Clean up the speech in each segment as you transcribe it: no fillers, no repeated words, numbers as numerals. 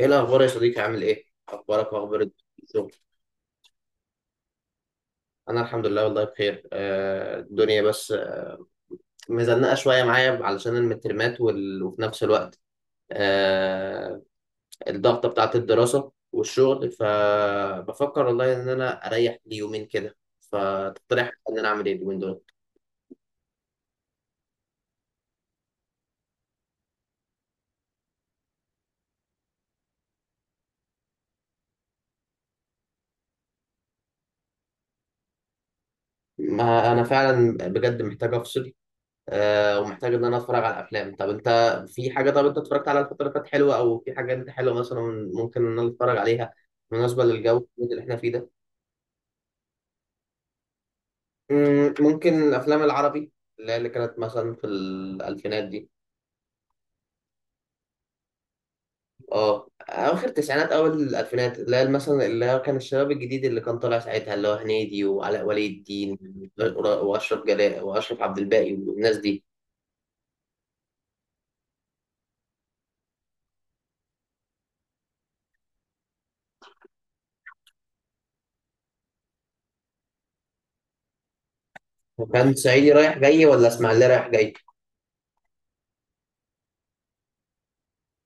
ايه الاخبار يا صديقي، عامل ايه؟ اخبارك واخبار الشغل؟ انا الحمد لله والله بخير، الدنيا بس مزنقه شويه معايا علشان المترمات وفي نفس الوقت آه، الضغطه بتاعت الدراسه والشغل. فبفكر والله ان انا اريح لي يومين كده. فتقترح ان انا اعمل ايه اليومين دول؟ ما انا فعلا بجد محتاج افصل، ومحتاج ان انا اتفرج على افلام. طب انت في حاجه؟ طب انت اتفرجت على الفتره اللي فاتت حلوه، او في حاجه انت حلوه مثلا ممكن ان انا اتفرج عليها بالنسبه للجو اللي احنا فيه ده؟ ممكن الافلام العربي اللي هي اللي كانت مثلا في الالفينات دي. اه اخر التسعينات اول الالفينات، اللي هي مثلا اللي هو كان الشباب الجديد اللي كان طالع ساعتها، اللي هو هنيدي وعلاء ولي الدين واشرف جلاء واشرف عبد الباقي والناس دي. كان صعيدي رايح جاي ولا اسماعيليه رايح جاي؟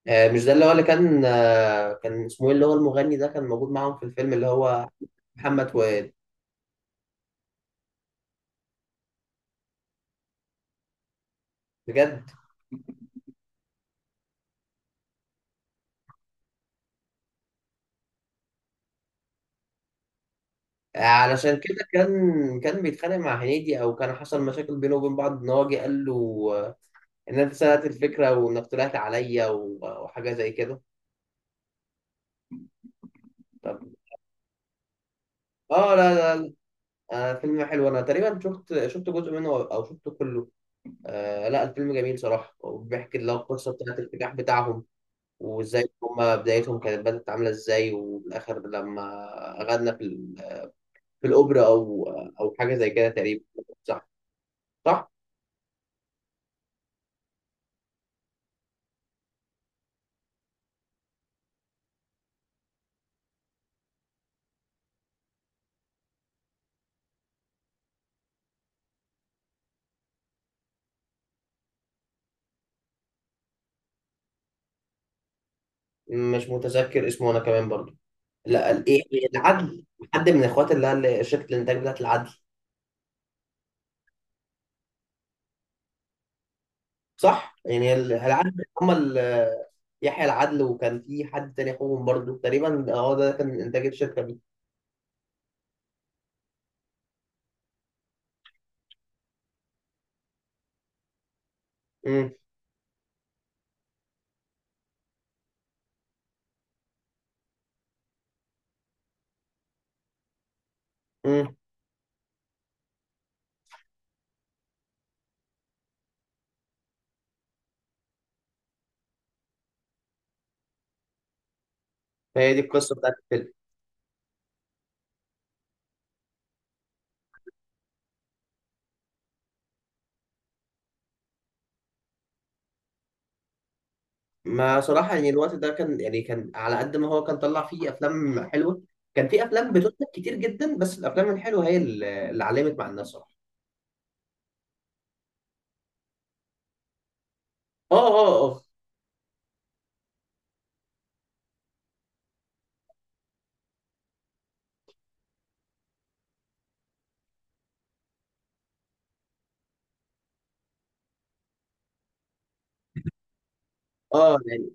مش ده اللي هو اللي كان، كان اسمه ايه اللي هو المغني ده كان موجود معاهم في الفيلم اللي هو؟ محمد فؤاد. بجد؟ علشان كده كان بيتخانق مع هنيدي، او كان حصل مشاكل بينه وبين بعض ان هو جه قال له، آه، ان انت سرقت الفكره، وانك طلعت عليا، وحاجه زي كده. طب، اه، لا لا لا. فيلم حلو، انا تقريبا شفت جزء منه او شفته كله. لا، الفيلم جميل صراحه، وبيحكي اللي هو القصه بتاعت النجاح بتاعهم، وازاي هما بدايتهم كانت بدأت عاملة ازاي، وفي الآخر لما غنى في الأوبرا أو حاجة زي كده تقريبا. صح. صح. مش متذكر اسمه أنا كمان برضو. لا، إيه، العدل. حد من إخوات شركة الإنتاج بتاعت العدل. صح، يعني العدل، هما يحيى العدل، وكان في حد تاني أخوهم برضو، تقريبا هو ده كان إنتاج الشركة دي. امم امم فهي دي القصة بتاعت الفيلم. ما صراحة يعني الوقت ده كان، يعني كان على قد ما هو كان طلع فيه أفلام حلوة، كان فيه أفلام بتنتج كتير جدا، بس الأفلام الحلوة هي اللي علمت مع الناس صراحة. آه آه آه يعني،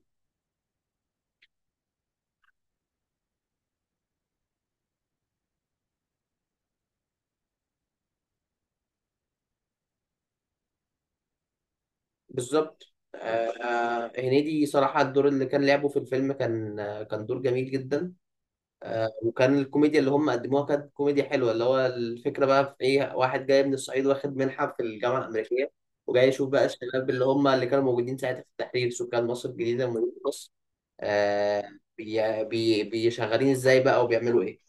بالظبط. هنيدي صراحة الدور اللي كان لعبه في الفيلم كان، كان دور جميل جدا. وكان الكوميديا اللي هم قدموها كانت كوميديا حلوه، اللي هو الفكره بقى في ايه؟ واحد جاي من الصعيد، واخد منحه في الجامعه الامريكيه، وجاي يشوف بقى الشباب اللي هم اللي كانوا موجودين ساعتها في التحرير، سكان مصر الجديده ومدينه مصر، آه بي بي بيشغلين ازاي بقى وبيعملوا ايه.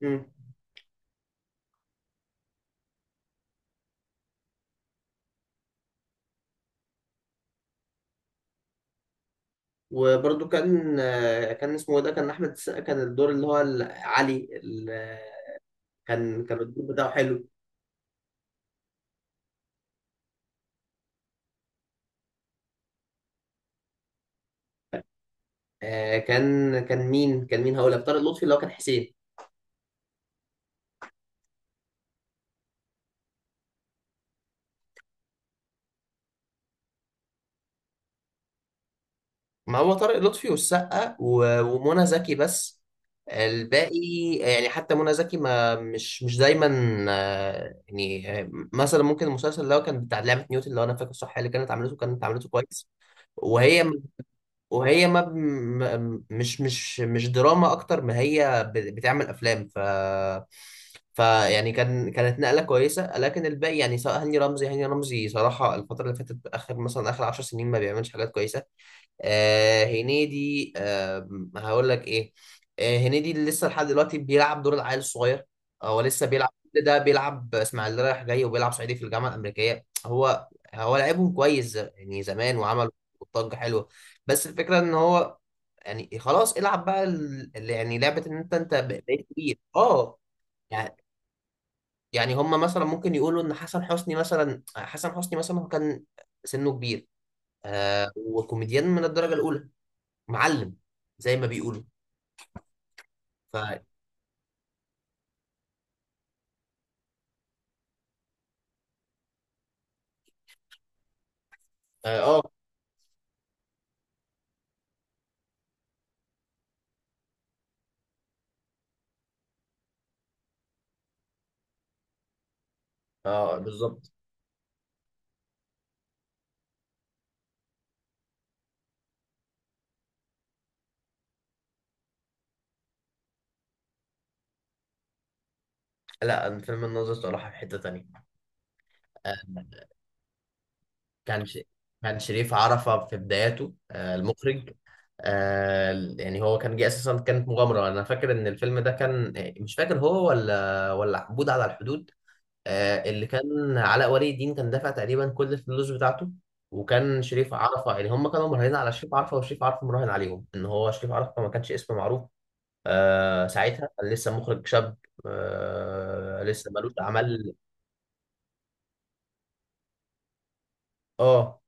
مم. وبرده كان، كان اسمه إيه ده، كان احمد السقا، كان الدور اللي هو علي كان الدور بتاعه حلو. كان مين هقول لك؟ طارق لطفي اللي هو كان حسين. ما هو طارق لطفي والسقا ومنى زكي بس، الباقي يعني حتى منى زكي ما مش دايما. يعني مثلا ممكن المسلسل اللي هو كان بتاع لعبة نيوتن، لو انا فاكر صح، اللي كانت عملته كويس. وهي وهي ما مش دراما، اكتر ما هي بتعمل افلام، ف يعني كانت نقله كويسه. لكن الباقي يعني سواء هاني رمزي، هاني رمزي صراحه الفتره اللي فاتت اخر، مثلا اخر 10 سنين ما بيعملش حاجات كويسه. هنيدي، هقول لك ايه. هنيدي اللي لسه لحد دلوقتي بيلعب دور العيل الصغير. هو لسه بيلعب كل ده، بيلعب اسماعيليه رايح جاي وبيلعب صعيدي في الجامعه الامريكيه. هو لعبهم كويس، يعني زمان، وعمل ضجه حلوه. بس الفكره ان هو، يعني خلاص العب بقى، يعني لعبه ان انت، بقيت كبير، اه. يعني يعني هم مثلا ممكن يقولوا ان حسن حسني مثلا، حسن حسني مثلا هو كان سنه كبير، وكوميديان من الدرجه الاولى، معلم زي ما بيقولوا. ف اه اه بالظبط. لا أنا فيلم الناظر صراحه في حته تانية. آه، كان ش... كان شريف عرفة في بداياته، المخرج. يعني هو كان جه اساسا، كانت مغامره. انا فاكر ان الفيلم ده كان، مش فاكر هو ولا عبود على الحدود، اللي كان علاء ولي الدين كان دافع تقريبا كل الفلوس بتاعته. وكان شريف عرفة، يعني هم كانوا مراهنين على شريف عرفة، وشريف عرفة مراهن عليهم، ان هو شريف عرفة ما كانش اسم معروف. ساعتها كان لسه مخرج شاب، لسه ملوش اعمال. اه،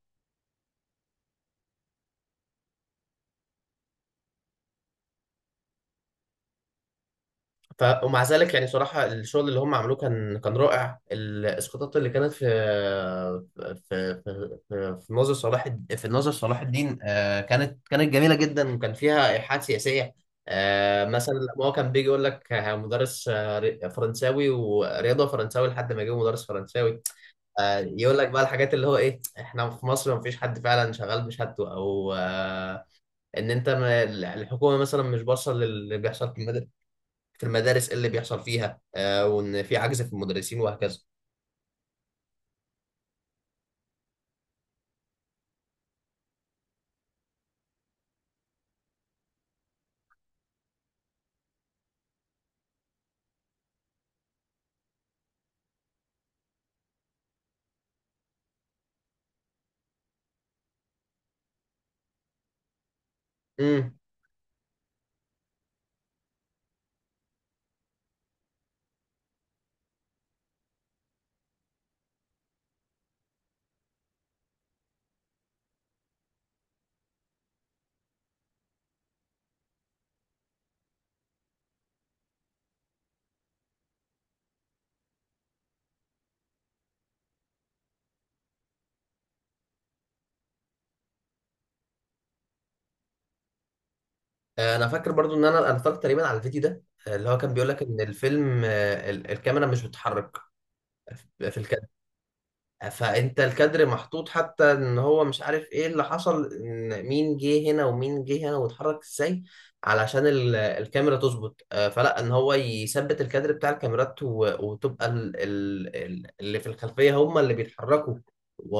ومع ذلك يعني صراحه الشغل اللي هم عملوه كان رائع. الاسقاطات اللي كانت في في في في ناظر صلاح الدين، كانت جميله جدا، وكان فيها ايحاءات سياسيه. مثلا لما هو كان بيجي يقول لك، مدرس فرنساوي ورياضه فرنساوي، لحد ما جه مدرس فرنساوي، يقول لك بقى الحاجات اللي هو ايه. احنا في مصر مفيش حد فعلا شغال بشهادته، او ان انت ما- الحكومه مثلا مش باصه للي بيحصل في المدارس، في المدارس إيه اللي بيحصل فيها، وان في عجز في المدرسين وهكذا. امم انا فاكر برضو ان انا اتفرجت تقريبا على الفيديو ده، اللي هو كان بيقول لك ان الفيلم، الكاميرا مش بتتحرك. في الكاميرا. فانت الكادر محطوط، حتى ان هو مش عارف ايه اللي حصل، ان مين جه هنا ومين جه هنا واتحرك ازاي علشان الكاميرا تظبط، فلا، ان هو يثبت الكادر بتاع الكاميرات، وتبقى اللي في الخلفية هم اللي بيتحركوا، و...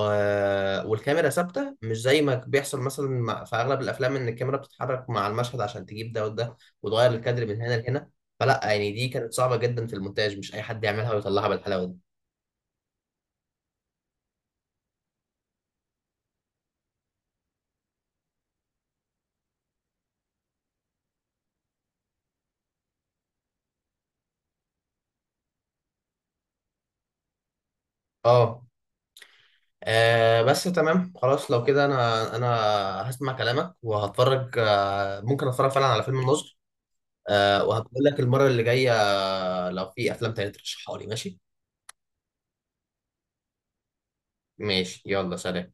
والكاميرا ثابتة، مش زي ما بيحصل مثلا في اغلب الافلام، ان الكاميرا بتتحرك مع المشهد عشان تجيب ده وده، وتغير الكادر من هنا لهنا. فلا يعني دي كانت صعبة جدا في المونتاج، مش اي حد يعملها ويطلعها بالحلاوة دي. اه. بس تمام خلاص، لو كده انا هسمع كلامك وهتفرج. ممكن اتفرج فعلا على فيلم النصر، وهقول لك المره اللي جايه، لو في افلام تانية ترشحها لي. ماشي. ماشي، يلا، سلام.